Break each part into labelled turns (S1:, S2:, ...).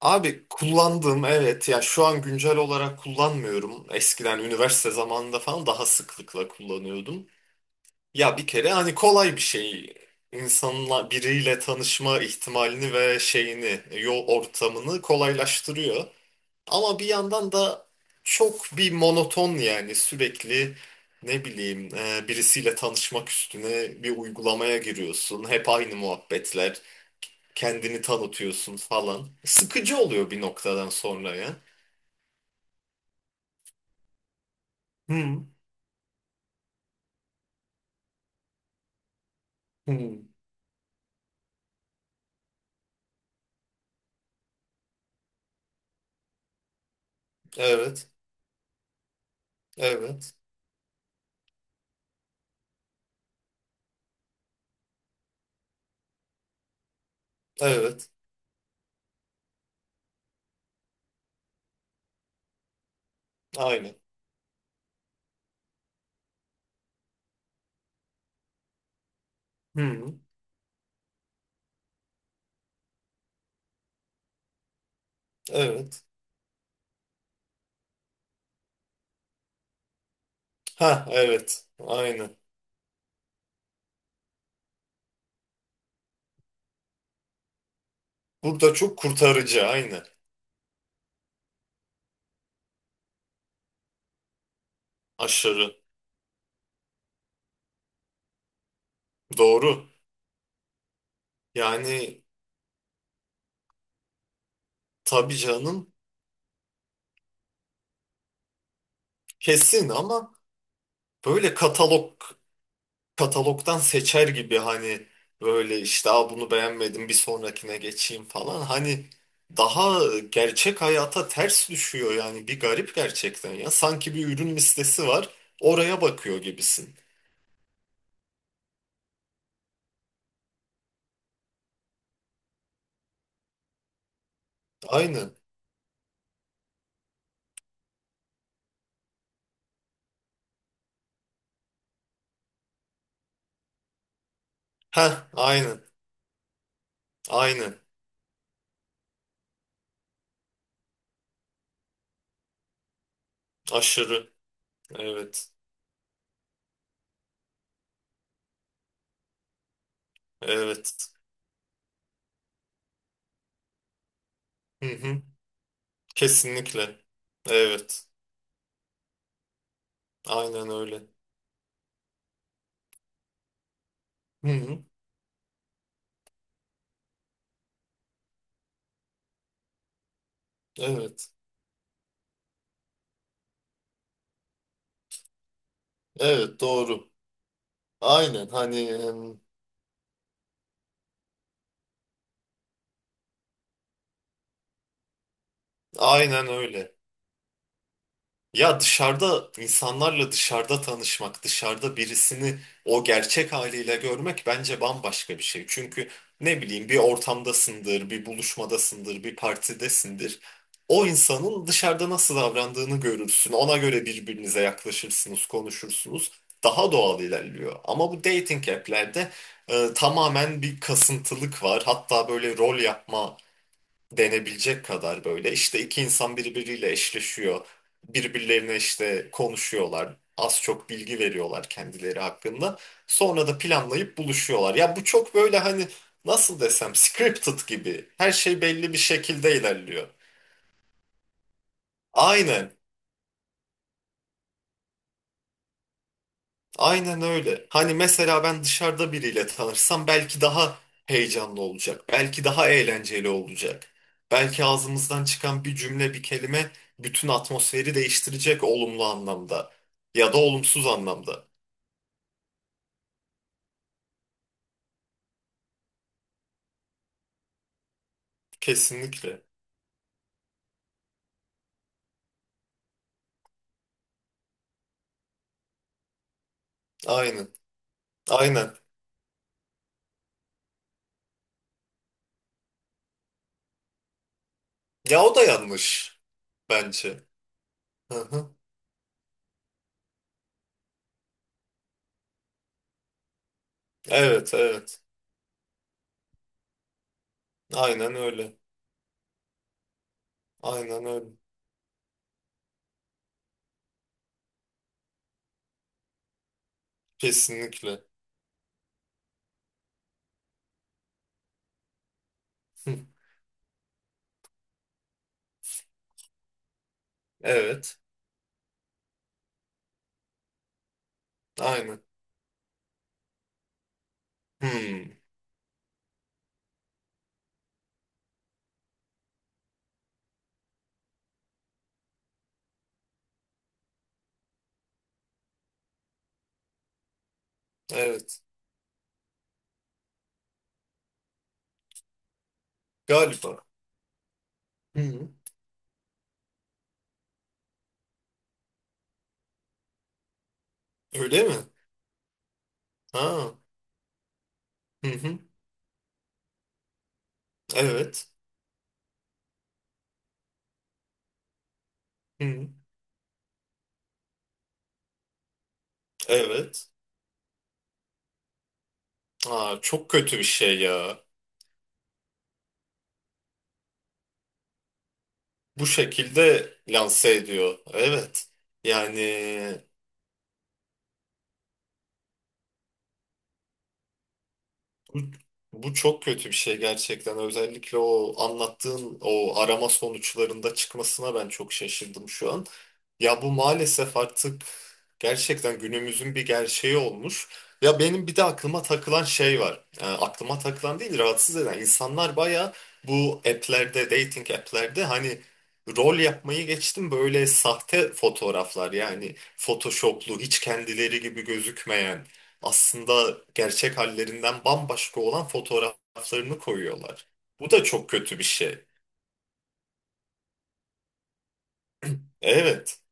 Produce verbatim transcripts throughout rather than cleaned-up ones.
S1: Abi kullandım, evet. Ya şu an güncel olarak kullanmıyorum. Eskiden üniversite zamanında falan daha sıklıkla kullanıyordum. Ya bir kere hani kolay bir şey. İnsanla biriyle tanışma ihtimalini ve şeyini, yol ortamını kolaylaştırıyor. Ama bir yandan da çok bir monoton, yani sürekli ne bileyim e, birisiyle tanışmak üstüne bir uygulamaya giriyorsun. Hep aynı muhabbetler, kendini tanıtıyorsun falan. Sıkıcı oluyor bir noktadan sonra ya. Hmm. Hmm. Evet. Evet. Evet. Aynen. Hmm. Evet. Ha, evet. Aynen. Burada çok kurtarıcı aynı. Aşırı. Doğru. Yani tabii canım, kesin. Ama böyle katalog, katalogdan seçer gibi, hani böyle, işte, aa, bunu beğenmedim, bir sonrakine geçeyim falan. Hani daha gerçek hayata ters düşüyor yani, bir garip gerçekten ya. Sanki bir ürün listesi var, oraya bakıyor gibisin. Aynen. Heh, aynen. Aynen. Aşırı. Evet. Evet. Hı hı. Kesinlikle. Evet. Aynen öyle. Hı hı. Evet. Evet doğru. Aynen hani, em, aynen öyle. Ya dışarıda insanlarla, dışarıda tanışmak, dışarıda birisini o gerçek haliyle görmek bence bambaşka bir şey. Çünkü ne bileyim, bir ortamdasındır, bir buluşmadasındır, bir partidesindir. O insanın dışarıda nasıl davrandığını görürsün. Ona göre birbirinize yaklaşırsınız, konuşursunuz. Daha doğal ilerliyor. Ama bu dating app'lerde e, tamamen bir kasıntılık var. Hatta böyle rol yapma denebilecek kadar. Böyle işte iki insan birbiriyle eşleşiyor. Birbirlerine işte konuşuyorlar. Az çok bilgi veriyorlar kendileri hakkında. Sonra da planlayıp buluşuyorlar. Ya bu çok böyle, hani nasıl desem, scripted gibi. Her şey belli bir şekilde ilerliyor. Aynen. Aynen öyle. Hani mesela ben dışarıda biriyle tanışsam belki daha heyecanlı olacak. Belki daha eğlenceli olacak. Belki ağzımızdan çıkan bir cümle, bir kelime bütün atmosferi değiştirecek, olumlu anlamda ya da olumsuz anlamda. Kesinlikle. Aynen. Aynen. Ya o da yanlış bence. Hı hı. Evet, evet. Aynen öyle. Aynen öyle. Kesinlikle. Hı. Evet. Aynen. Hmm. Evet. Galiba. Hı. Öyle mi? Ha, hı hı. Evet. Hı hı. Evet. Aa, çok kötü bir şey ya. Bu şekilde lanse ediyor. Evet. Yani bu, bu çok kötü bir şey gerçekten. Özellikle o anlattığın o arama sonuçlarında çıkmasına ben çok şaşırdım şu an. Ya bu maalesef artık gerçekten günümüzün bir gerçeği olmuş. Ya benim bir de aklıma takılan şey var. E, aklıma takılan değil, rahatsız eden. İnsanlar baya bu app'lerde, dating app'lerde hani, rol yapmayı geçtim, böyle sahte fotoğraflar, yani photoshoplu, hiç kendileri gibi gözükmeyen, aslında gerçek hallerinden bambaşka olan fotoğraflarını koyuyorlar. Bu da çok kötü bir şey. Evet,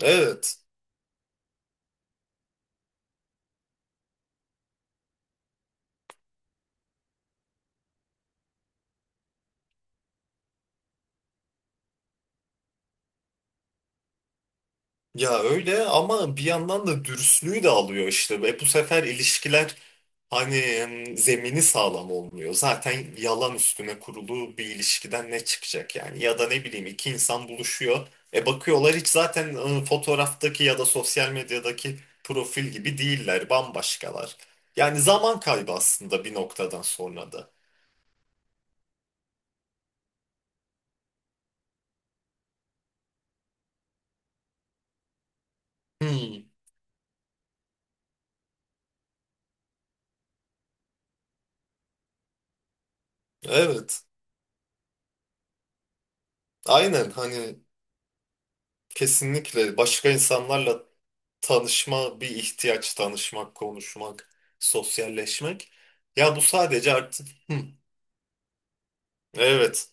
S1: evet. Ya öyle, ama bir yandan da dürüstlüğü de alıyor işte. E bu sefer ilişkiler hani, em, zemini sağlam olmuyor. Zaten yalan üstüne kurulu bir ilişkiden ne çıkacak yani? Ya da ne bileyim, iki insan buluşuyor. E bakıyorlar, hiç zaten e, fotoğraftaki ya da sosyal medyadaki profil gibi değiller, bambaşkalar. Yani zaman kaybı aslında bir noktadan sonra da. Hmm, evet. Aynen hani. Kesinlikle, başka insanlarla tanışma bir ihtiyaç; tanışmak, konuşmak, sosyalleşmek. Ya bu sadece artık. Hı, evet.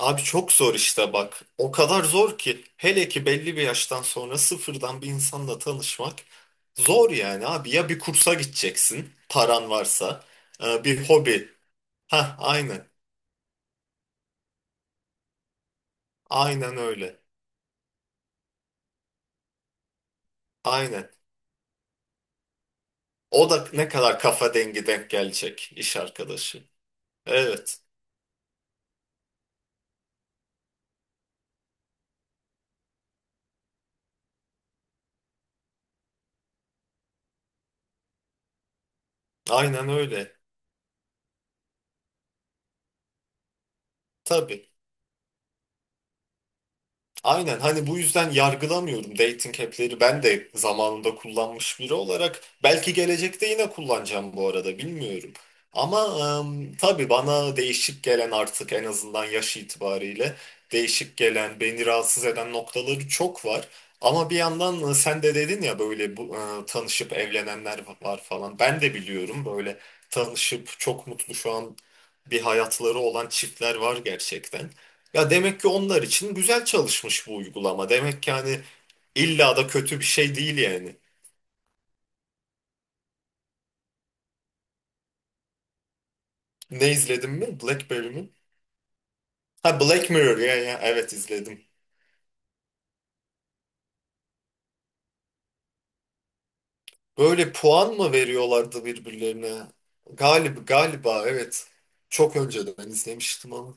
S1: Abi çok zor işte, bak. O kadar zor ki, hele ki belli bir yaştan sonra sıfırdan bir insanla tanışmak zor yani abi. Ya bir kursa gideceksin paran varsa. Ee, bir hobi. Ha aynen. Aynen öyle. Aynen. O da ne kadar kafa dengi denk gelecek iş arkadaşı. Evet. Aynen öyle. Tabii. Aynen hani, bu yüzden yargılamıyorum dating app'leri. Ben de zamanında kullanmış biri olarak belki gelecekte yine kullanacağım, bu arada bilmiyorum. Ama em, tabii bana değişik gelen, artık en azından yaş itibariyle değişik gelen, beni rahatsız eden noktaları çok var. Ama bir yandan e, sen de dedin ya, böyle bu, e, tanışıp evlenenler var falan, ben de biliyorum. Böyle tanışıp çok mutlu şu an bir hayatları olan çiftler var gerçekten. Ya demek ki onlar için güzel çalışmış bu uygulama. Demek ki hani illa da kötü bir şey değil yani. Ne izledim mi? Blackberry mi? Ha, Black Mirror. Ya ya evet izledim. Böyle puan mı veriyorlardı birbirlerine? Galiba, galiba evet. Çok önceden izlemiştim ama.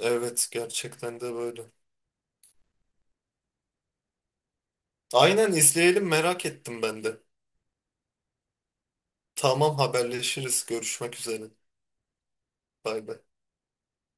S1: Evet, gerçekten de böyle. Aynen, izleyelim, merak ettim ben de. Tamam, haberleşiriz. Görüşmek üzere. Bay bay.